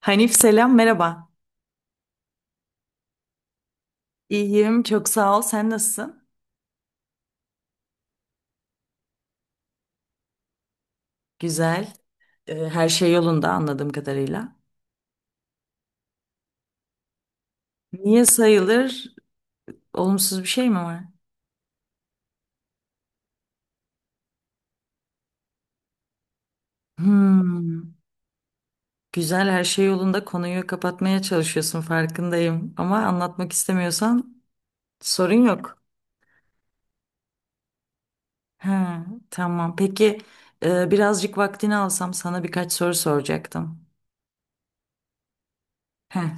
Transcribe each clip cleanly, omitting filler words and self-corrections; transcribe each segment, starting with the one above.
Hanif selam merhaba. İyiyim, çok sağ ol, sen nasılsın? Güzel. Her şey yolunda anladığım kadarıyla. Niye sayılır? Olumsuz bir şey mi var? Hmm, Güzel, her şey yolunda, konuyu kapatmaya çalışıyorsun farkındayım. Ama anlatmak istemiyorsan sorun yok. Ha, tamam, peki, birazcık vaktini alsam sana birkaç soru soracaktım. Heh,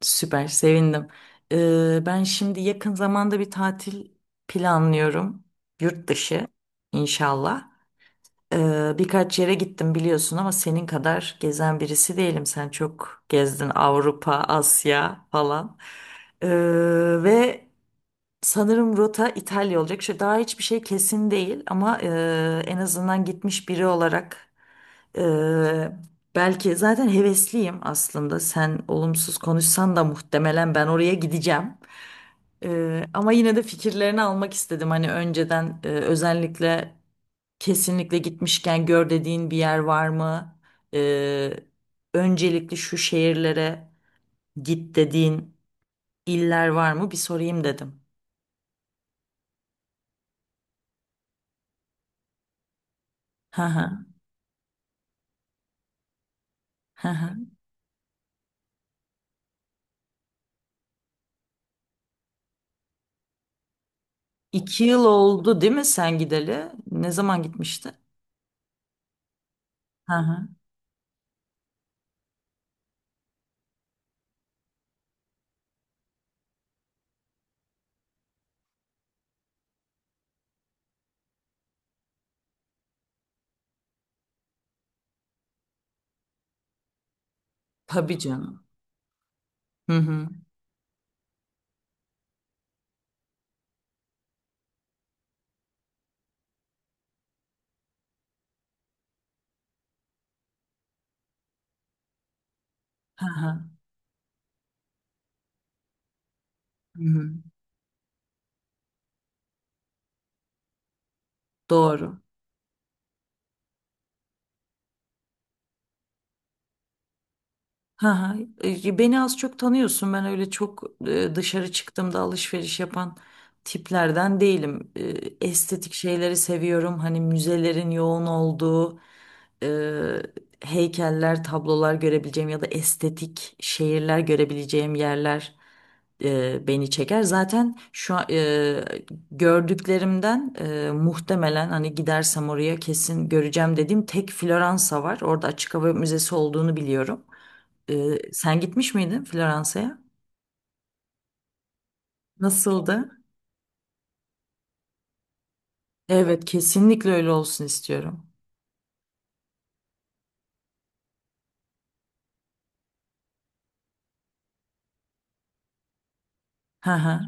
Süper, sevindim. Ben şimdi yakın zamanda bir tatil planlıyorum. Yurt dışı inşallah. Birkaç yere gittim biliyorsun ama senin kadar gezen birisi değilim. Sen çok gezdin, Avrupa, Asya falan. Ee, ve Sanırım rota İtalya olacak. Şu daha hiçbir şey kesin değil ama en azından gitmiş biri olarak, e, belki zaten hevesliyim aslında. Sen olumsuz konuşsan da muhtemelen ben oraya gideceğim. Ama yine de fikirlerini almak istedim. Hani önceden, özellikle kesinlikle gitmişken gör dediğin bir yer var mı? E, Öncelikli şu şehirlere git dediğin iller var mı? Bir sorayım dedim. Hı hı. İki yıl oldu değil mi sen gideli? Ne zaman gitmişti? Hı hı. Tabii canım. Hı hı. Hı hı. Hı hı. Doğru. Ha, ha. Beni az çok tanıyorsun. Ben öyle çok, dışarı çıktığımda alışveriş yapan tiplerden değilim. Estetik şeyleri seviyorum. Hani müzelerin yoğun olduğu, e, heykeller, tablolar görebileceğim ya da estetik şehirler görebileceğim yerler beni çeker. Zaten şu an, gördüklerimden, muhtemelen hani gidersem oraya kesin göreceğim dediğim tek Floransa var. Orada açık hava müzesi olduğunu biliyorum. Sen gitmiş miydin Floransa'ya? Nasıldı? Evet, kesinlikle öyle olsun istiyorum. Hı hı.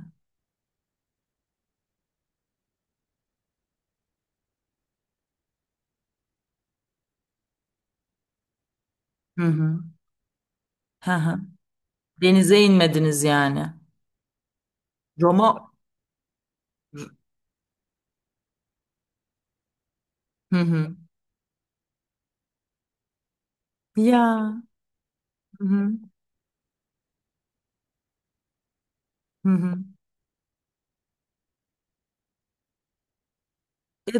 Hı hı. Hı hı. Denize inmediniz yani. Roma. Hı hı. Ya. Hı hı. Hı hı. E,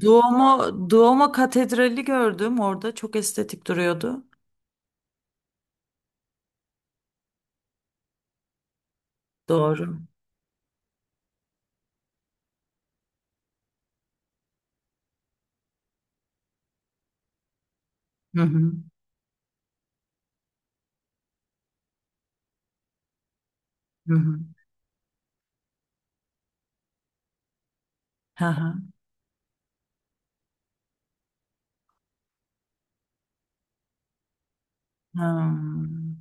Duomo Katedrali gördüm orada. Çok estetik duruyordu. Doğru. Hı hı. Hı hı. Hı hı. Hmm.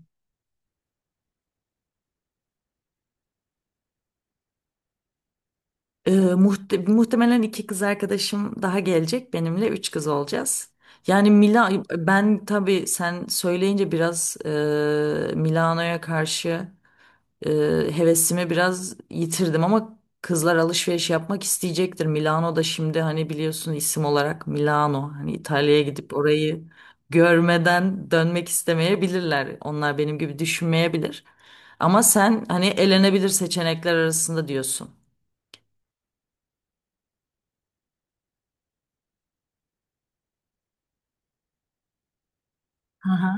Muhtemelen iki kız arkadaşım daha gelecek benimle, üç kız olacağız. Yani, ben, tabii sen söyleyince biraz, Milano'ya karşı, e, hevesimi biraz yitirdim ama kızlar alışveriş yapmak isteyecektir. Milano da şimdi hani biliyorsun isim olarak Milano, hani İtalya'ya gidip orayı görmeden dönmek istemeyebilirler. Onlar benim gibi düşünmeyebilir. Ama sen hani elenebilir seçenekler arasında diyorsun. Hı hı.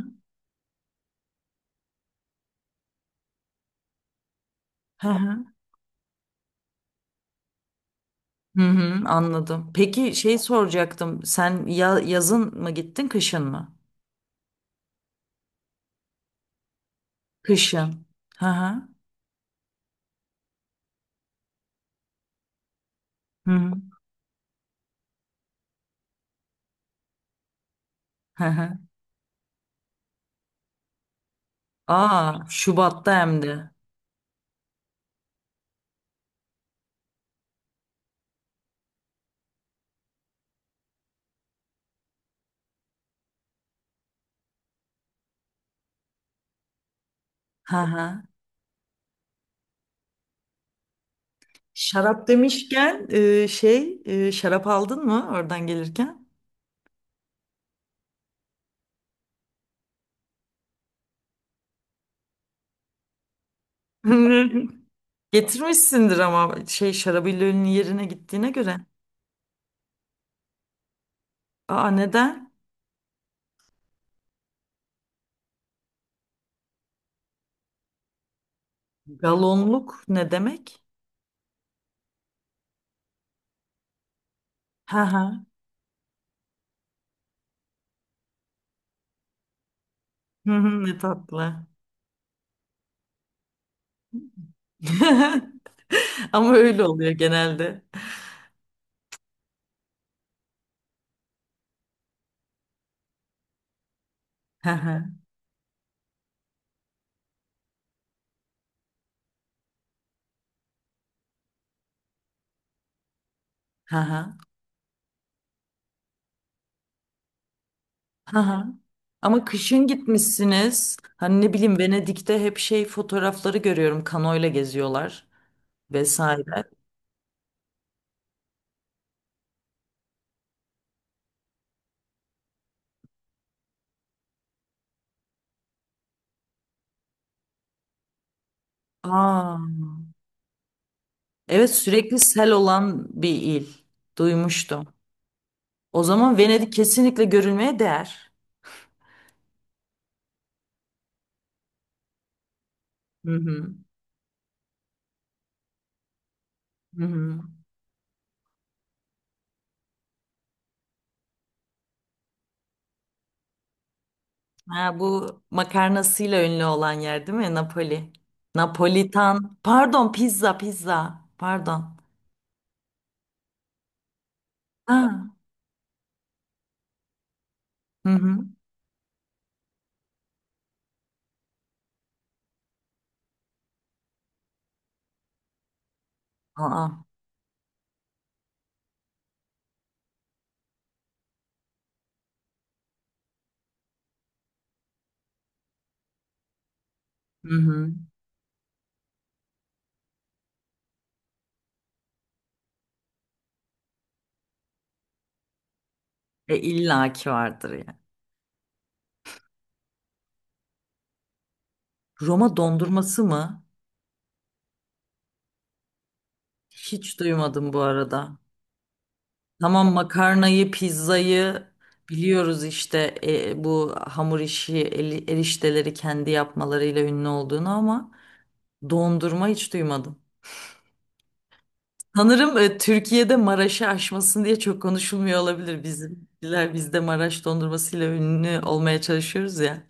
Hı hı. Hı hı, anladım. Peki şey soracaktım. Sen ya yazın mı gittin, kışın mı? Kışın. Hı hı. Hı hı. Hı hı. Aa, Şubat'ta hem de. Hı hı. Şarap demişken, şey, şarap aldın mı oradan gelirken? Getirmişsindir ama şey şarabillolinin yerine gittiğine göre. Aa, neden? Galonluk ne demek? Hı hı. Hı hı, ne tatlı. Ama öyle oluyor genelde. Ha ha. Ha ha. Ama kışın gitmişsiniz. Hani ne bileyim, Venedik'te hep fotoğrafları görüyorum. Kanoyla geziyorlar vesaire. Aa, evet, sürekli sel olan bir il. Duymuştum. O zaman Venedik kesinlikle görülmeye değer. Hı hı. Hı hı. Ha, bu makarnasıyla ünlü olan yer değil mi? Napoli. Napolitan. Pardon, pizza. Pardon. Ha. Hı hı. Aa. Hı hı. İllaki vardır ya. Roma dondurması mı? Hiç duymadım bu arada. Tamam, makarnayı, pizzayı biliyoruz işte, bu hamur işi, erişteleri kendi yapmalarıyla ünlü olduğunu, ama dondurma hiç duymadım. Sanırım Türkiye'de Maraş'ı aşmasın diye çok konuşulmuyor olabilir. Biz de Maraş dondurmasıyla ünlü olmaya çalışıyoruz ya.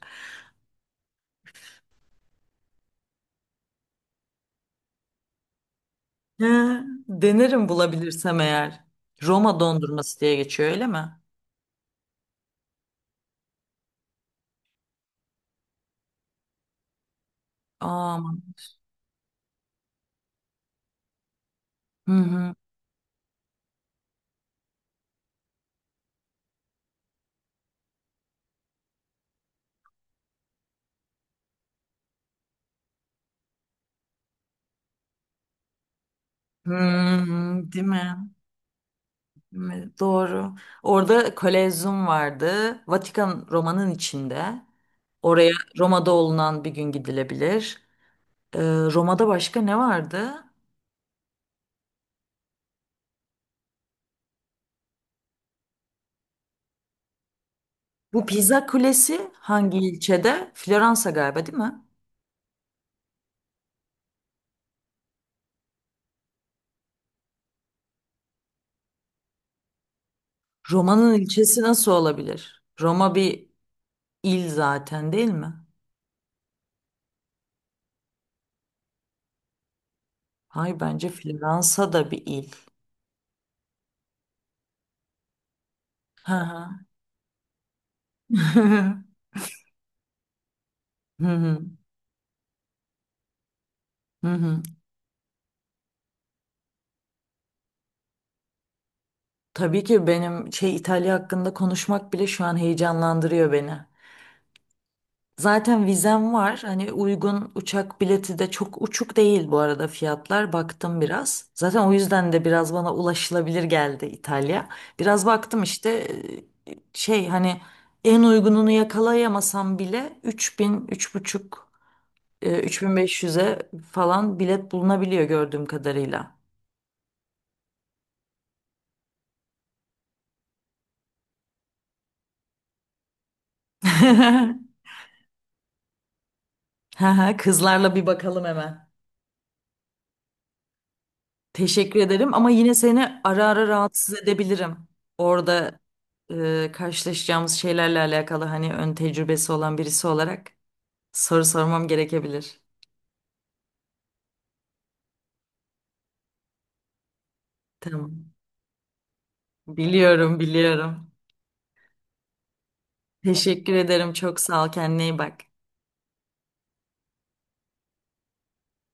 He, denerim bulabilirsem eğer. Roma dondurması diye geçiyor, öyle mi? Aman. Hı hı. Hmm, değil mi? Değil mi? Doğru. Orada Kolezyum vardı. Vatikan Roma'nın içinde. Oraya Roma'da olunan bir gün gidilebilir. Ee, Roma'da başka ne vardı? Bu Pisa Kulesi hangi ilçede? Floransa galiba, değil mi? Roma'nın ilçesi nasıl olabilir? Roma bir il zaten, değil mi? Hayır, bence Floransa da bir il. Hı hı. Hı hı. Hı hı. Tabii ki, benim İtalya hakkında konuşmak bile şu an heyecanlandırıyor beni. Zaten vizem var. Hani uygun uçak bileti de çok uçuk değil bu arada fiyatlar. Baktım biraz. Zaten o yüzden de biraz bana ulaşılabilir geldi İtalya. Biraz baktım işte, hani en uygununu yakalayamasam bile 3000, 3,5, 3500'e falan bilet bulunabiliyor gördüğüm kadarıyla. Haha, kızlarla bir bakalım hemen. Teşekkür ederim ama yine seni ara ara rahatsız edebilirim. Orada karşılaşacağımız şeylerle alakalı, hani ön tecrübesi olan birisi olarak soru sormam gerekebilir. Tamam. Biliyorum, biliyorum. Teşekkür ederim. Çok sağ ol. Kendine iyi bak.